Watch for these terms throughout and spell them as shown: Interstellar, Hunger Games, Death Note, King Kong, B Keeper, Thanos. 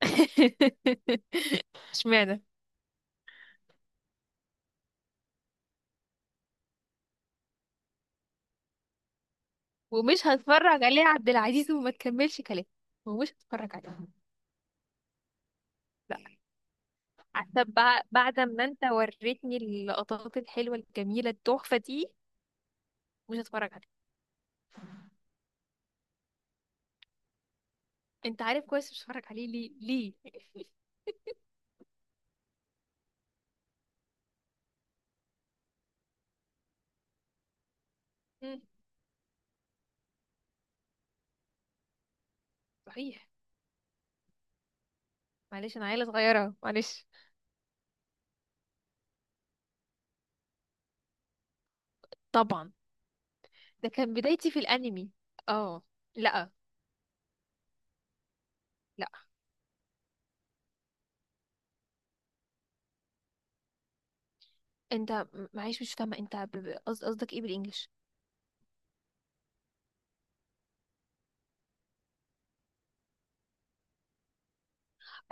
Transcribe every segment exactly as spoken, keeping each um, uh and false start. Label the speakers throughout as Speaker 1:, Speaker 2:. Speaker 1: اشمعنى؟ ومش هتفرج عليه يا عبد العزيز وما تكملش كلام. ومش هتفرج عليه. لا. حتى بع- بعد ما انت وريتني اللقطات الحلوة الجميلة التحفة دي، مش هتفرج عليه. انت عارف كويس مش هتفرج عليه ليه؟ ليه؟ مم. صحيح. معلش، انا عيلة صغيرة، معلش. طبعا. ده كان بدايتي في الانمي. اه. لا. لا، انت م- معلش مش فاهمة، انت ب- ب- قصد- قصدك ايه بالانجلش؟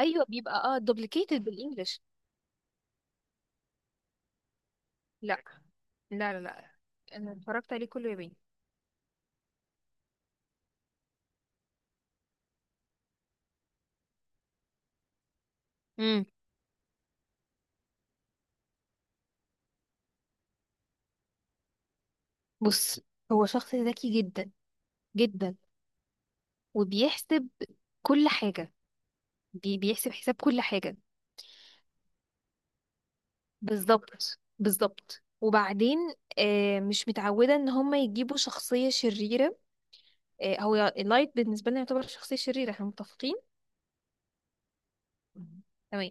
Speaker 1: ايوه، بيبقى اه دوبليكيتد بالانجلش. لا، لا، لا. لا، انا اتفرجت عليه كله ياباني. امم. بص، هو شخص ذكي جدا، جدا، وبيحسب كل حاجة. بي بيحسب حساب كل حاجة. بالظبط، بالظبط. وبعدين آه مش متعودة ان هم يجيبوا شخصية شريرة. آه هو لايت بالنسبة لنا يعتبر شخصية شريرة، احنا متفقين. مم. تمام.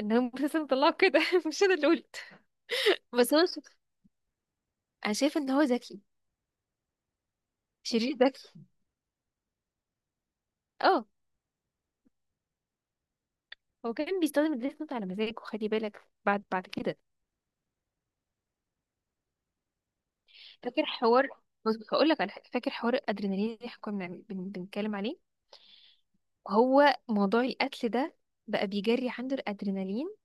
Speaker 1: ان هم بس مطلعه كده مش انا اللي قلت. بس هو ش- انا شايفة ان هو ذكي. شرير ذكي. اه. هو كان بيستخدم الديث نوت على مزاجه، خلي بالك بعد بعد كده. فاكر حوار؟ بص، هقول لك على حاجه. فاكر حوار الادرينالين اللي احنا كنا بن- بن- بنتكلم عليه؟ هو موضوع القتل ده، بقى بيجري عنده الادرينالين.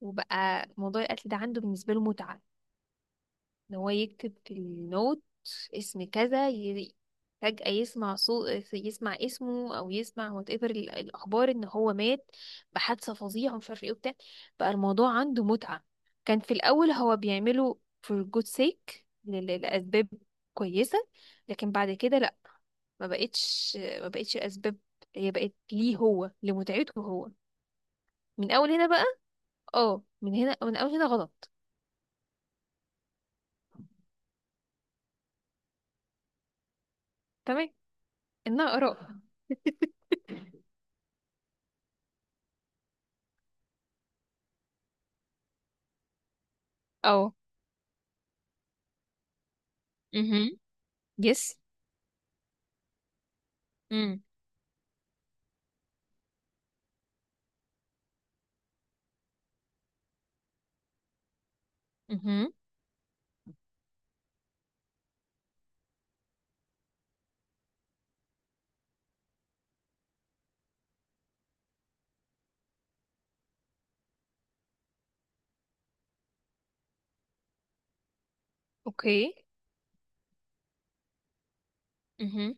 Speaker 1: وبقى موضوع القتل ده عنده بالنسبه له متعه. ان هو يكتب في النوت اسم كذا، ي- فجأة يسمع صوت، يسمع اسمه او يسمع وات ايفر الاخبار ان هو مات بحادثة فظيعة ومش عارف ايه وبتاع. بقى الموضوع عنده متعة. كان في الاول هو بيعمله for good sake، لل- لاسباب كويسة. لكن بعد كده لا. ما بقتش ما بقتش الاسباب. هي بقت ليه؟ هو لمتعته هو. من اول هنا بقى. اه، من هنا، من اول هنا غلط. تمام. انها اراء. اه. مهم. يس. امم. امم. اوكي. امم.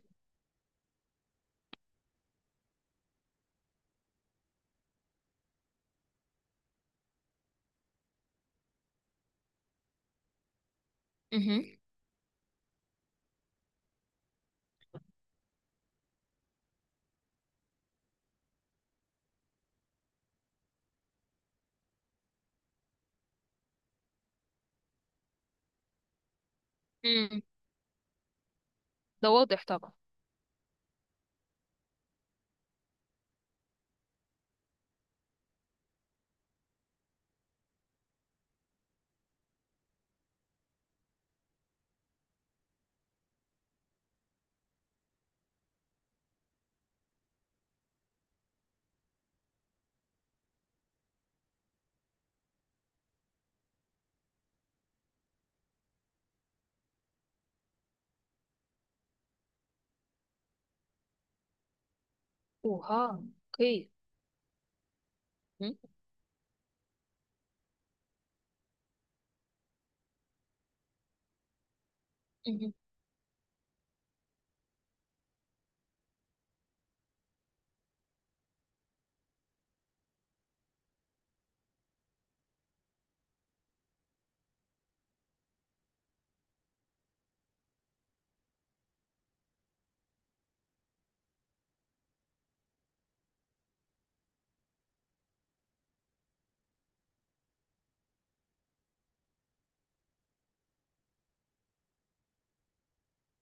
Speaker 1: امم. امم. ده واضح طبعا. اوها، اوكي. مم. مم.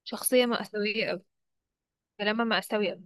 Speaker 1: شخصية مأساوية أوي. كلامها مأساوي أوي.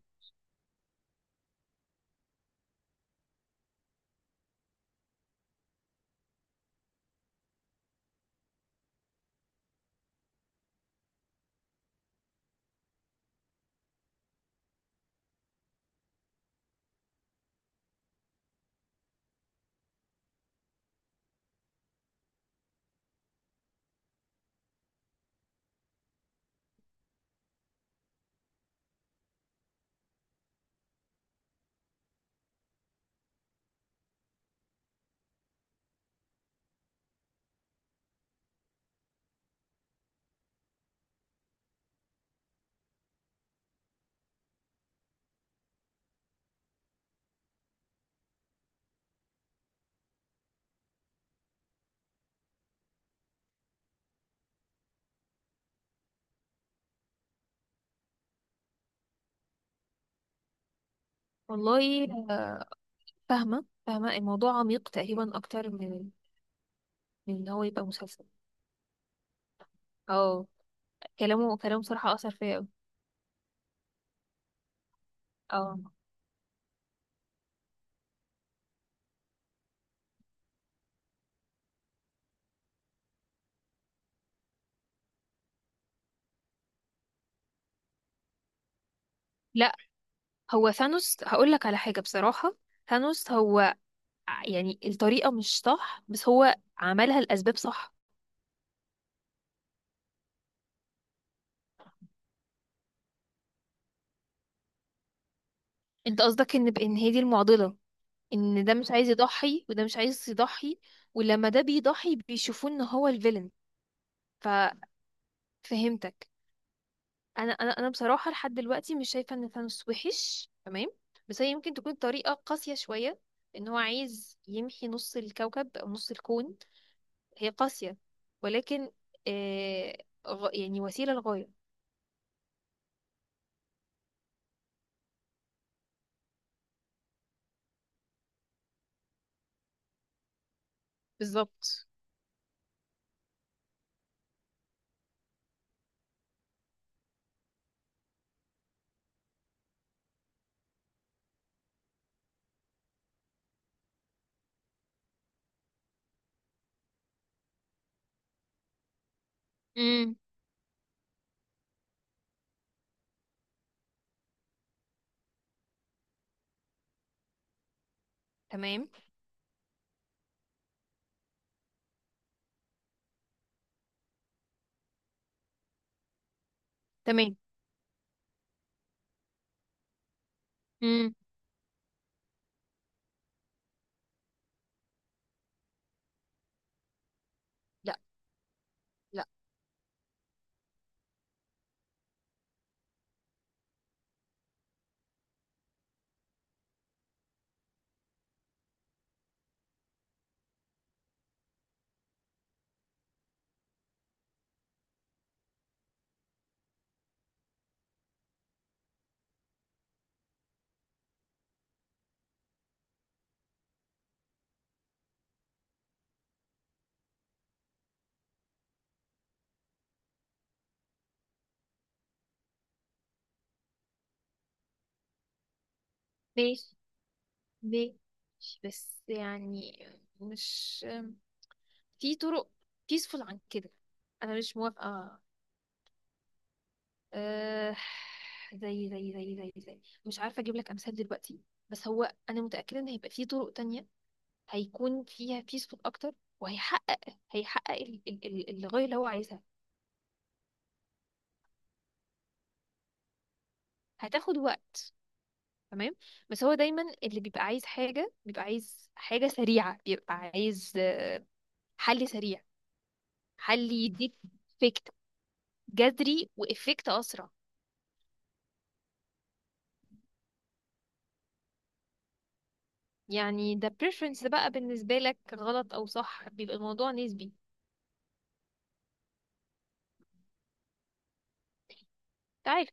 Speaker 1: والله. آه، فاهمة، فاهمة الموضوع عميق تقريبا أكتر من من إن هو يبقى مسلسل. اه. كلامه كلامه بصراحة أثر فيا أوي. اه. لا. هو ثانوس، هقول لك على حاجة بصراحة. ثانوس هو ع- يعني الطريقة مش صح، بس هو عملها الأسباب صح. أنت قصدك إن بإن هي دي المعضلة؟ ان ده مش عايز يضحي وده مش عايز يضحي، ولما ده بيضحي بيشوفوه ان هو الفيلن. ففهمتك. انا انا انا بصراحه لحد دلوقتي مش شايفه ان ثانوس وحش تمام. بس هي يمكن تكون طريقه قاسيه شويه، ان هو عايز يمحي نص الكوكب او نص الكون. هي قاسيه، ولكن آه غ- يعني وسيله لغايه. بالظبط. امم. تمام. تمام. امم. لا. لا. ماشي. ماشي. بس يعني، مش في طرق بيسفول عن كده. انا مش موافقه. أه... زي زي زي زي زي مش عارفه اجيب لك امثال دلوقتي. بس هو انا متاكده ان هيبقى في طرق تانية هيكون فيها بيسفول اكتر. وهيحقق هيحقق ال... ال... ال... الغايه اللي هو عايزها. هتاخد وقت. تمام. بس هو دايما اللي بيبقى عايز حاجه بيبقى عايز حاجه سريعه، بيبقى عايز آه، حل سريع. حل يديك. افكت. جذري وافكت اسرع. يعني ده preference بقى، بالنسبة لك غلط أو صح بيبقى الموضوع نسبي. تعرف